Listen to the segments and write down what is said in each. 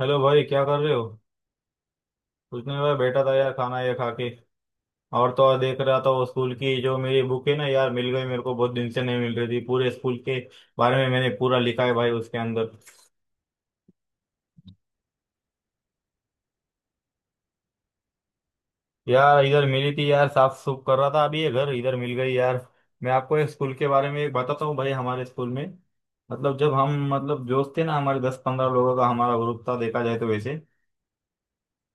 Hello भाई, क्या कर रहे हो। कुछ नहीं भाई, बैठा था यार, खाना ये खा के। और तो और देख रहा था वो स्कूल की जो मेरी बुक है ना यार, मिल गई मेरे को, बहुत दिन से नहीं मिल रही थी। पूरे स्कूल के बारे में मैंने पूरा लिखा है भाई उसके अंदर। यार इधर मिली थी, यार साफ सुफ कर रहा था अभी ये घर, इधर मिल गई यार। मैं आपको एक स्कूल के बारे में एक बताता हूँ भाई, हमारे स्कूल में, मतलब जब हम मतलब दोस्त थे ना, हमारे दस पंद्रह लोगों का हमारा ग्रुप था देखा जाए तो वैसे।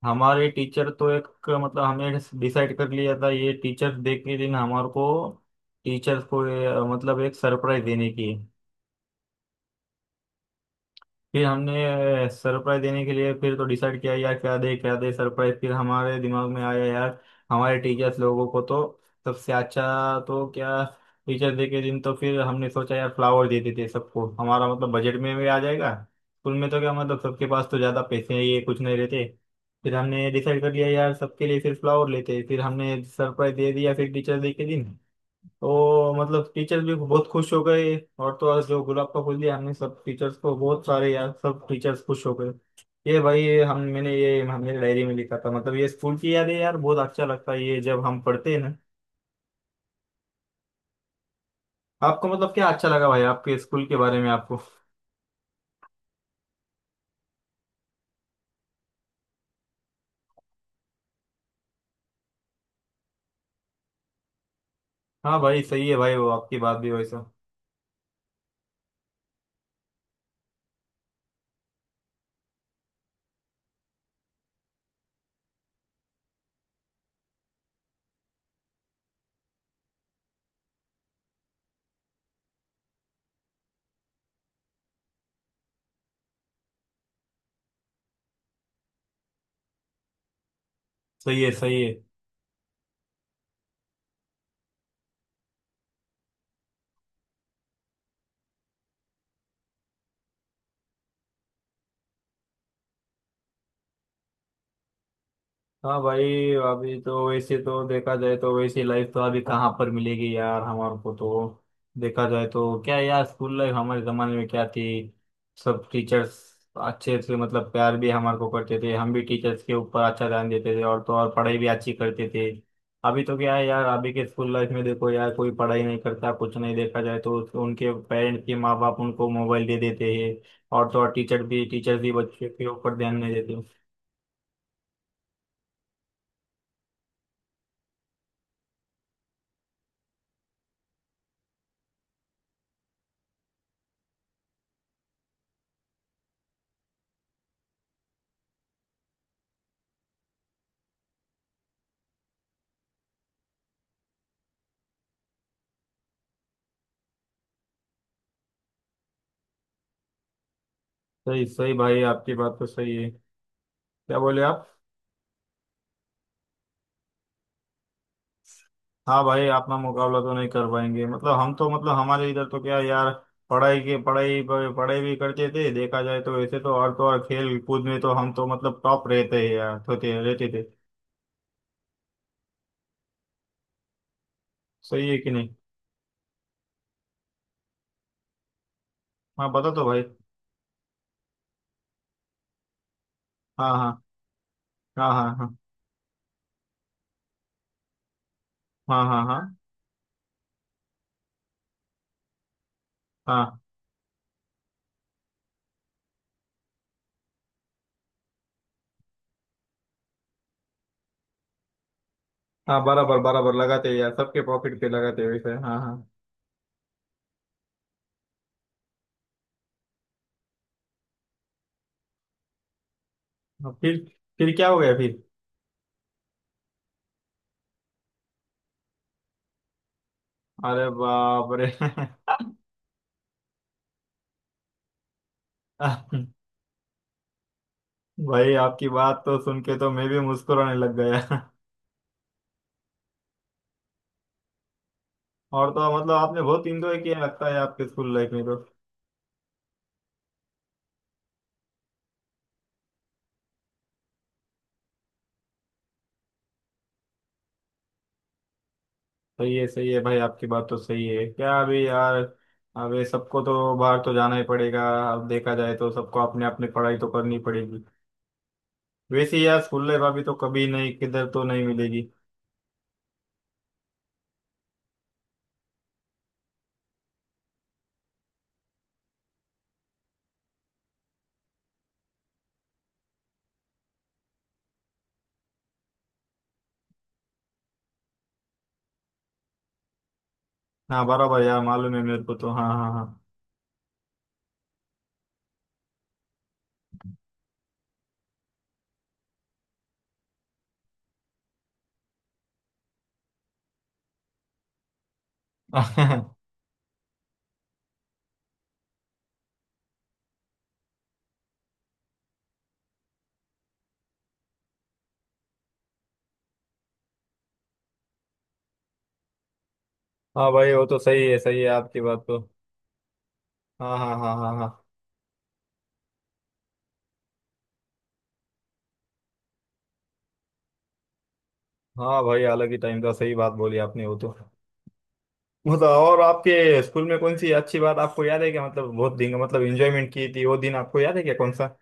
हमारे टीचर तो एक, मतलब हमने डिसाइड कर लिया था ये टीचर्स डे के दिन हमारे को टीचर्स को मतलब एक सरप्राइज देने की है। फिर हमने सरप्राइज देने के लिए फिर तो डिसाइड किया यार, क्या दे सरप्राइज, फिर हमारे दिमाग में आया यार, हमारे टीचर्स लोगों को तो सबसे अच्छा तो क्या टीचर्स डे के दिन। तो फिर हमने सोचा यार फ्लावर दे देते हैं सबको, हमारा मतलब बजट में भी आ जाएगा। स्कूल में तो क्या मतलब सबके पास तो ज़्यादा पैसे ये कुछ नहीं रहते। फिर हमने डिसाइड कर लिया यार सबके लिए फिर फ्लावर लेते हैं। फिर हमने सरप्राइज दे दिया फिर टीचर्स डे के दिन। तो मतलब टीचर्स भी बहुत खुश हो गए, और तो और जो गुलाब का फूल दिया हमने सब टीचर्स को बहुत सारे, यार सब टीचर्स खुश हो गए। ये भाई हम मैंने ये हमने डायरी में लिखा था, मतलब ये स्कूल की यादें यार, बहुत अच्छा लगता है ये जब हम पढ़ते हैं ना। आपको मतलब क्या अच्छा लगा भाई आपके स्कूल के बारे में आपको। हाँ भाई सही है भाई, वो आपकी बात भी वैसा। सही है, सही है। हाँ भाई, अभी तो वैसे तो देखा जाए तो वैसी लाइफ तो अभी कहाँ पर मिलेगी यार हमारे को तो। देखा जाए तो क्या यार, स्कूल लाइफ हमारे जमाने में क्या थी। सब टीचर्स अच्छे से मतलब प्यार भी हमारे को करते थे, हम भी टीचर्स के ऊपर अच्छा ध्यान देते थे, और तो और पढ़ाई भी अच्छी करते थे। अभी तो क्या है यार, अभी के स्कूल लाइफ में देखो यार, कोई पढ़ाई नहीं करता, कुछ नहीं, देखा जाए तो उनके पेरेंट्स के माँ बाप उनको मोबाइल दे देते हैं। और तो और टीचर भी बच्चे के ऊपर ध्यान नहीं देते। सही सही भाई, आपकी बात तो सही है। क्या बोले आप। हाँ भाई, अपना मुकाबला तो नहीं कर पाएंगे, मतलब हम तो, मतलब हमारे इधर तो क्या यार, पढ़ाई पढ़ाई भी करते थे देखा जाए तो वैसे तो, और तो और खेल कूद में तो हम तो मतलब टॉप रहते हैं यार, होते रहते थे। सही है कि नहीं। हाँ बता तो भाई। हाँ हाँ हाँ हाँ। हाँ हाँ हाँ हाँ हाँ हाँ। बराबर बराबर लगाते हैं यार, सबके पॉकेट पे लगाते हैं वैसे, हाँ हाँ। हाँ, फिर। फिर क्या हो गया फिर। अरे बाप रे। भाई आपकी बात तो सुन के तो मैं भी मुस्कुराने लग गया। और तो मतलब आपने बहुत इंजॉय किया लगता है आपके स्कूल लाइफ में तो। सही है भाई, आपकी बात तो सही है। क्या अभी यार, अभी सबको तो बाहर तो जाना ही पड़ेगा। अब देखा जाए तो सबको अपने अपने पढ़ाई तो करनी पड़ेगी। वैसे यार स्कूल लाइफ अभी तो कभी नहीं, किधर तो नहीं मिलेगी। हाँ बराबर यार, मालूम है मेरे को तो, हाँ हाँ। हाँ। हाँ भाई वो तो सही है, सही है आपकी बात तो। हाँ हाँ हाँ हाँ हाँ। हाँ भाई अलग ही टाइम था, सही बात बोली आपने वो तो। मतलब और आपके स्कूल में कौन सी अच्छी बात आपको याद है क्या, मतलब बहुत दिन मतलब एंजॉयमेंट की थी वो दिन आपको याद है क्या, कौन सा।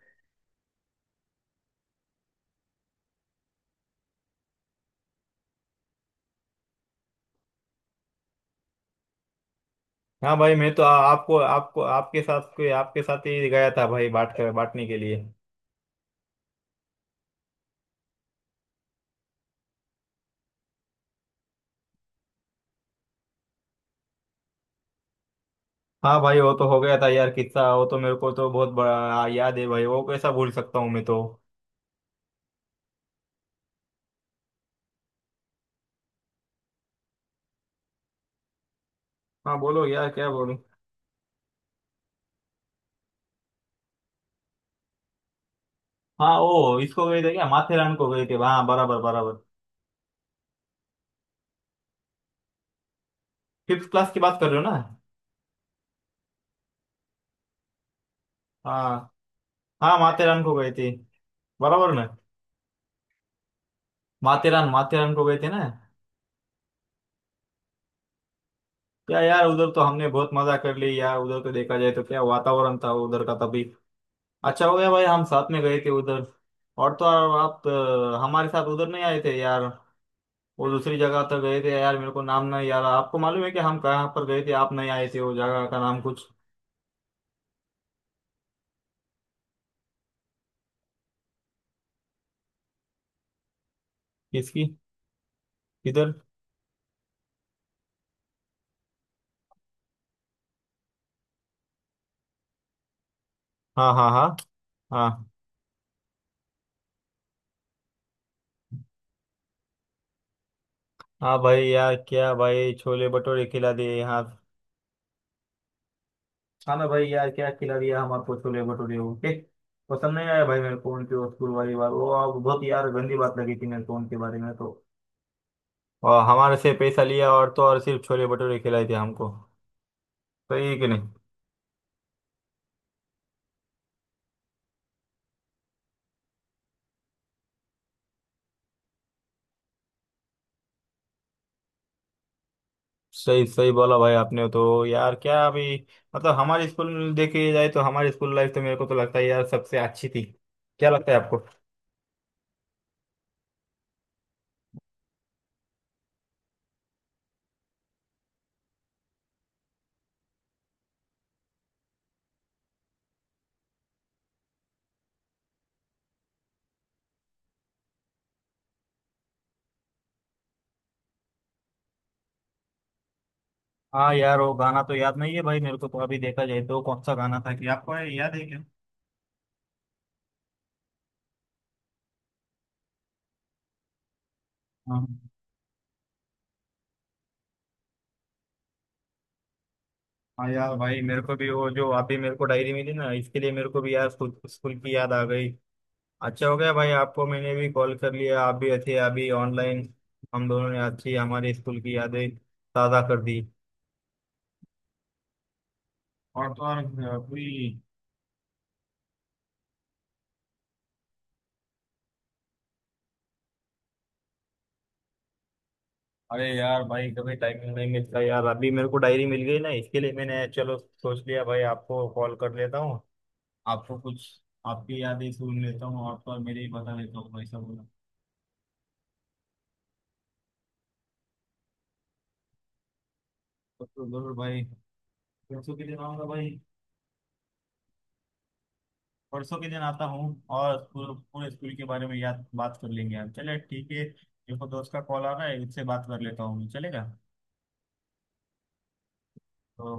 हाँ भाई मैं तो आपको, आपको, आपके साथ कोई आपके साथ ही गया था भाई बांट कर, बांटने के लिए। हाँ भाई वो तो हो गया था यार किस्सा, वो तो मेरे को तो बहुत बड़ा याद है भाई, वो कैसा भूल सकता हूँ मैं तो। हाँ बोलो यार, क्या बोलूं। हाँ ओ, इसको गए थे क्या, माथेरान को गए थे, हाँ बराबर बराबर। फिफ्थ क्लास की बात कर रहे हो ना। हाँ हाँ, माथेरान को गए थे। बराबर ना। माथेरान, माथेरान को गए थे ना। क्या यार, उधर तो हमने बहुत मजा कर ली यार, उधर तो देखा जाए तो क्या वातावरण था उधर का तभी। अच्छा हो गया भाई हम साथ में गए थे उधर। और तो और आप हमारे साथ उधर नहीं आए थे यार। वो दूसरी जगह तक गए थे यार, मेरे को नाम नहीं, यार आपको मालूम है कि हम कहाँ पर गए थे, आप नहीं आए थे, वो जगह का नाम कुछ। किसकी। किधर। हाँ हाँ हाँ। हाँ। हाँ भाई यार, क्या भाई छोले भटूरे खिला दिए, हाँ। हाँ ना भाई यार, क्या खिला दिया हम आपको, छोले भटूरे, ओके। पसंद नहीं आया भाई मेरे को उनके वो स्कूल वाली बात, वो आप बहुत यार गंदी बात लगी थी मेरे को उनके बारे में तो। और हमारे से पैसा लिया और तो और सिर्फ छोले भटूरे खिलाए थे हमको। सही है कि नहीं। सही सही बोला भाई आपने तो, यार क्या अभी। मतलब हमारे स्कूल में देखे जाए तो हमारी स्कूल लाइफ तो मेरे को तो लगता है यार सबसे अच्छी थी। क्या लगता है आपको। हाँ यार, वो गाना तो याद नहीं है भाई मेरे को तो, अभी देखा जाए तो कौन सा गाना था, कि आपको याद है क्या। हाँ हाँ। यार भाई मेरे को भी वो जो अभी मेरे को डायरी मिली ना इसके लिए, मेरे को भी यार स्कूल, स्कूल की याद आ गई। अच्छा हो गया भाई आपको मैंने भी कॉल कर लिया, आप भी अच्छे अभी ऑनलाइन। हम दोनों ने अच्छी हमारे स्कूल की यादें ताज़ा कर दी। और तो और अभी। अरे यार भाई कभी टाइम नहीं मिलता यार, अभी मेरे को डायरी मिल गई ना इसके लिए मैंने चलो सोच लिया भाई आपको कॉल कर लेता हूँ। आपको कुछ, आपकी यादें सुन लेता हूँ और तो और मेरे ही बता लेता हूँ भाई सब। तो जरूर भाई। परसों के दिन आऊंगा भाई। परसों के दिन आता हूँ। और पूरे पूरे स्कूल के बारे में याद बात कर लेंगे हम। चले, ठीक है, देखो दोस्त का कॉल आ रहा है, इससे बात कर लेता हूँ, चलेगा। तो।